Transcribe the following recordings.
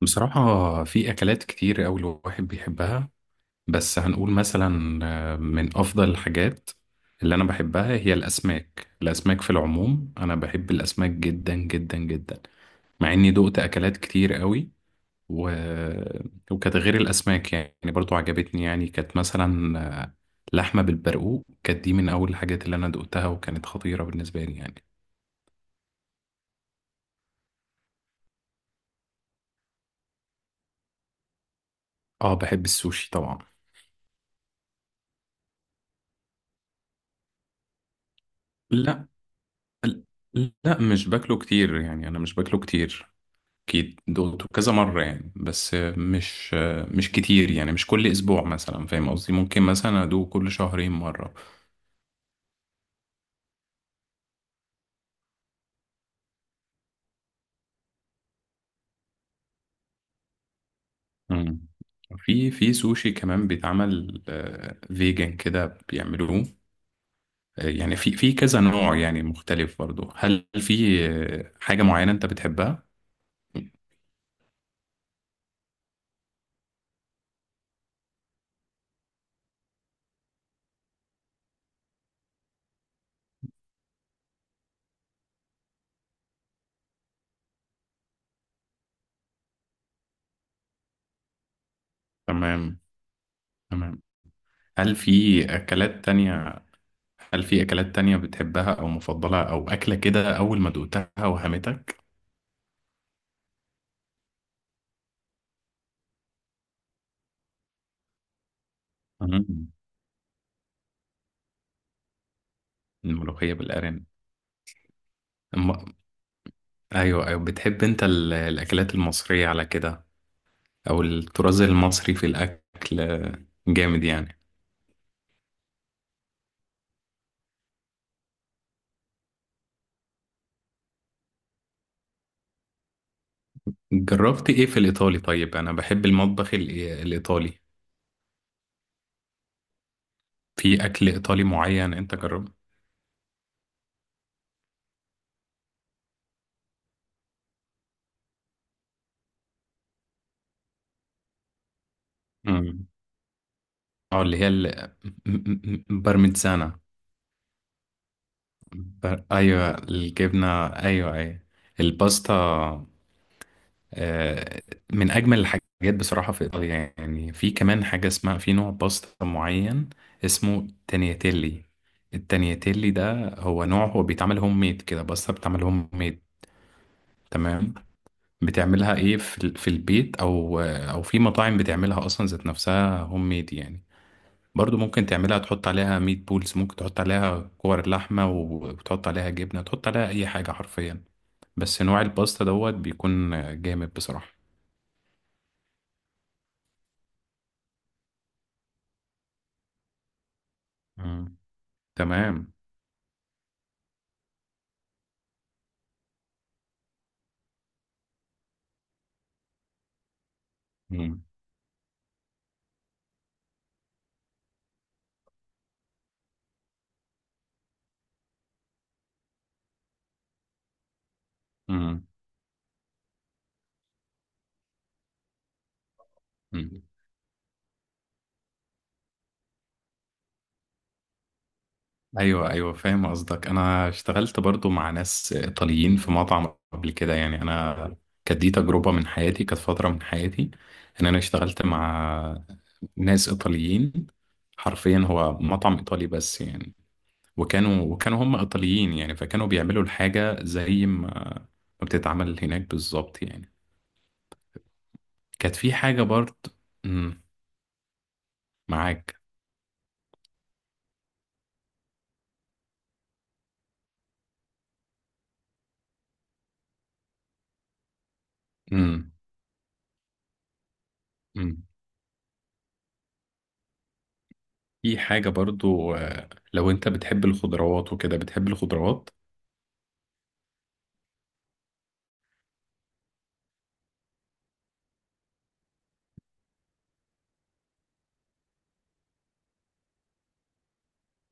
بصراحة في أكلات كتير أوي الواحد بيحبها. بس هنقول مثلا، من أفضل الحاجات اللي أنا بحبها هي الأسماك في العموم. أنا بحب الأسماك جدا جدا جدا، مع إني دقت أكلات كتير أوي. و... وكانت غير الأسماك يعني برضو عجبتني. يعني كانت مثلا، لحمة بالبرقوق، كانت دي من أول الحاجات اللي أنا دقتها وكانت خطيرة بالنسبة لي يعني. آه، بحب السوشي طبعا. لا، لا مش باكله كتير يعني، انا مش باكله كتير. اكيد دقته كذا مرة يعني، بس مش كتير يعني، مش كل اسبوع مثلا، فاهم قصدي؟ ممكن مثلا ادوق كل شهرين مرة. مم. في سوشي كمان بيتعمل فيجن كده بيعملوه. يعني في كذا نوع يعني مختلف برضه. هل في حاجة معينة انت بتحبها؟ تمام، تمام. هل في أكلات تانية هل في أكلات تانية بتحبها، أو مفضلة، أو أكلة كده أول ما دقتها وهمتك؟ مم. الملوخية بالأرانب. الم- ايوه، ايوه، بتحب انت الاكلات المصرية على كده، او الطراز المصري في الاكل، جامد يعني؟ جربت ايه في الايطالي؟ طيب انا بحب المطبخ الايطالي. في اكل ايطالي معين انت جربت؟ امم اه، اللي هي بارميزانا. ايوه، الجبنة، ايوه، ايوه، الباستا، آه، من اجمل الحاجات. بصراحه في ايطاليا يعني، في كمان حاجه اسمها، في نوع باستا معين اسمه تانياتيلي. التانياتيلي ده هو نوع، هو بيتعمل هوم ميد كده، باستا بتعمل هوم ميد. تمام. بتعملها ايه، في في البيت، او في مطاعم بتعملها اصلا ذات نفسها هوم ميد يعني. برضو ممكن تعملها، تحط عليها ميت بولز، ممكن تحط عليها كور لحمه، وتحط عليها جبنه، تحط عليها اي حاجه حرفيا. بس نوع الباستا دوت بيكون جامد بصراحه. مم. تمام. مم. مم. مم. ايوه، ايوه، فاهم قصدك. انا اشتغلت برضو مع ناس ايطاليين في مطعم قبل كده يعني. انا كانت دي تجربه من حياتي، كانت فتره من حياتي، ان انا اشتغلت مع ناس ايطاليين، حرفيا هو مطعم ايطالي بس يعني. وكانوا هم ايطاليين يعني، فكانوا بيعملوا الحاجه زي ما بتتعمل هناك بالظبط يعني. كانت في حاجه برضو. مم. معاك. مم. في حاجة برضو، لو انت بتحب الخضروات وكده، بتحب الخضروات.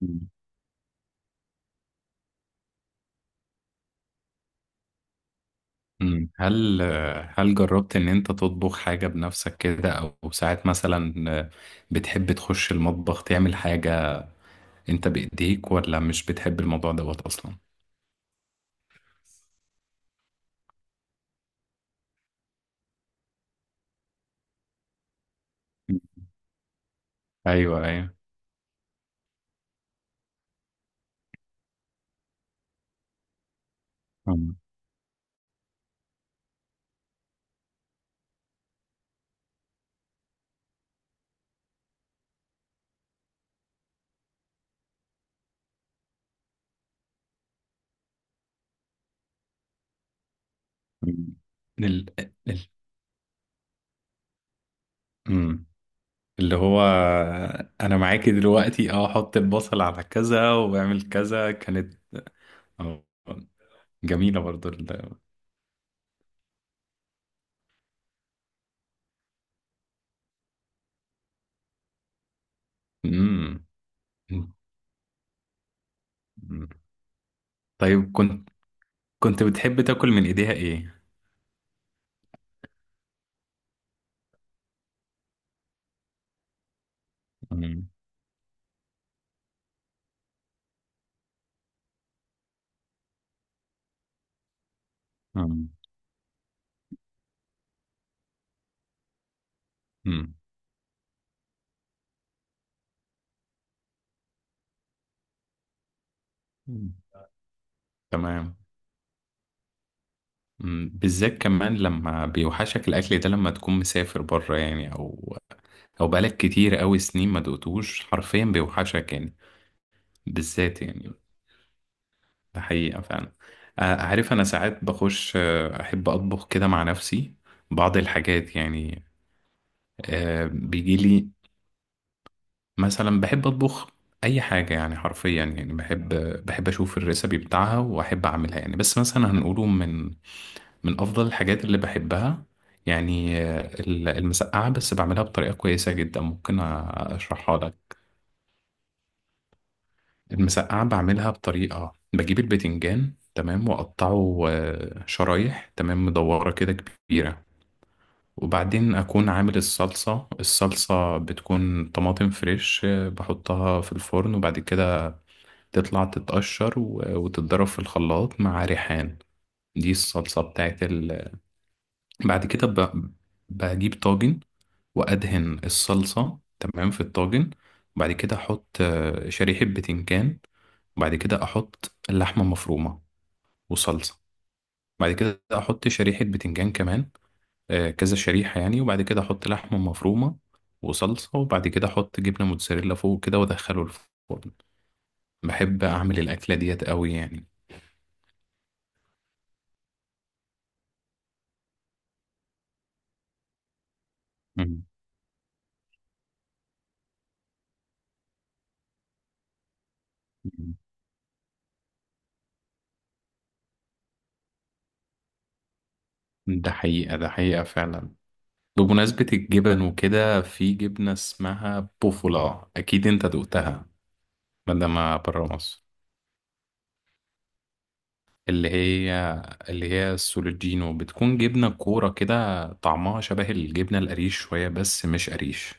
مم. مم. هل هل جربت ان انت تطبخ حاجة بنفسك كده، او ساعات مثلا، بتحب تخش المطبخ تعمل حاجة انت بايديك، ولا مش بتحب الموضوع دوت اصلا؟ مم. ايوه، ايوه. مم. مم. ال... ال... مم. اللي هو، انا معاكي دلوقتي، اه حط البصل على كذا واعمل كذا كانت، آه، جميلة برضو. مم. مم. مم. طيب كنت بتحب تاكل من ايديها ايه؟ مم. مم. مم. مم. تمام. مم. بالذات كمان لما بيوحشك الاكل ده، لما تكون مسافر بره يعني، او بقالك كتير قوي سنين ما دقتوش، حرفيا بيوحشك يعني، بالذات يعني. ده حقيقة فعلا. عارف، انا ساعات بخش، احب اطبخ كده مع نفسي بعض الحاجات يعني. بيجي مثلا بحب اطبخ اي حاجه يعني، حرفيا يعني، بحب اشوف الريسبي بتاعها واحب اعملها يعني. بس مثلا هنقوله، من افضل الحاجات اللي بحبها يعني، المسقعه، بس بعملها بطريقه كويسه جدا، ممكن اشرحها لك. المسقعه بعملها بطريقه، بجيب البتنجان تمام، واقطعه شرايح تمام، مدوره كده كبيره. وبعدين اكون عامل الصلصه. الصلصه بتكون طماطم فريش، بحطها في الفرن، وبعد كده تطلع تتقشر وتتضرب في الخلاط مع ريحان. دي الصلصة بتاعت. بعد كده بجيب طاجن، وأدهن الصلصة تمام في الطاجن. وبعد كده أحط شريحة بتنجان، وبعد كده أحط اللحمة مفرومة وصلصة. بعد كده أحط شريحة بتنجان كمان، كذا شريحة يعني، وبعد كده أحط لحمة مفرومة وصلصة، وبعد كده أحط جبنة موتزاريلا فوق كده وأدخله الفرن. بحب أعمل الأكلة ديت قوي يعني. مم. ده حقيقة، ده حقيقة فعلا. بمناسبة الجبن وكده، في جبنة اسمها بوفولا، أكيد أنت دقتها مادام برا مصر. اللي هي اللي هي السولوجينو، بتكون جبنة كورة كده، طعمها شبه الجبنة القريش شوية بس مش قريش.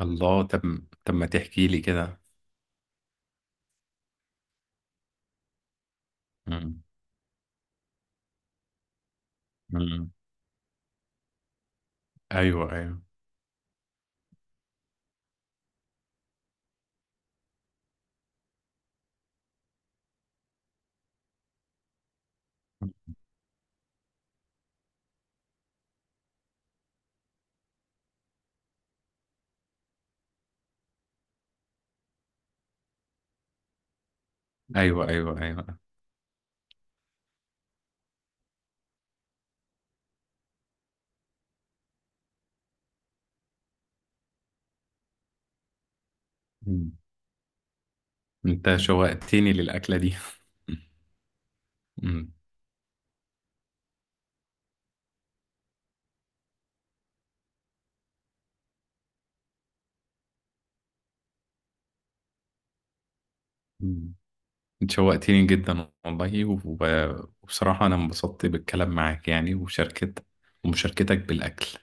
الله، طب طب، ما تحكي لي كده. مم. مم. أيوه، أيوه، أيوه، أيوه، أيوه. مم. أنت شوقتني للأكلة دي. مم. انت شوقتيني جدا والله، وبصراحة أنا انبسطت بالكلام معاك يعني، وشاركت ومشاركتك بالأكل.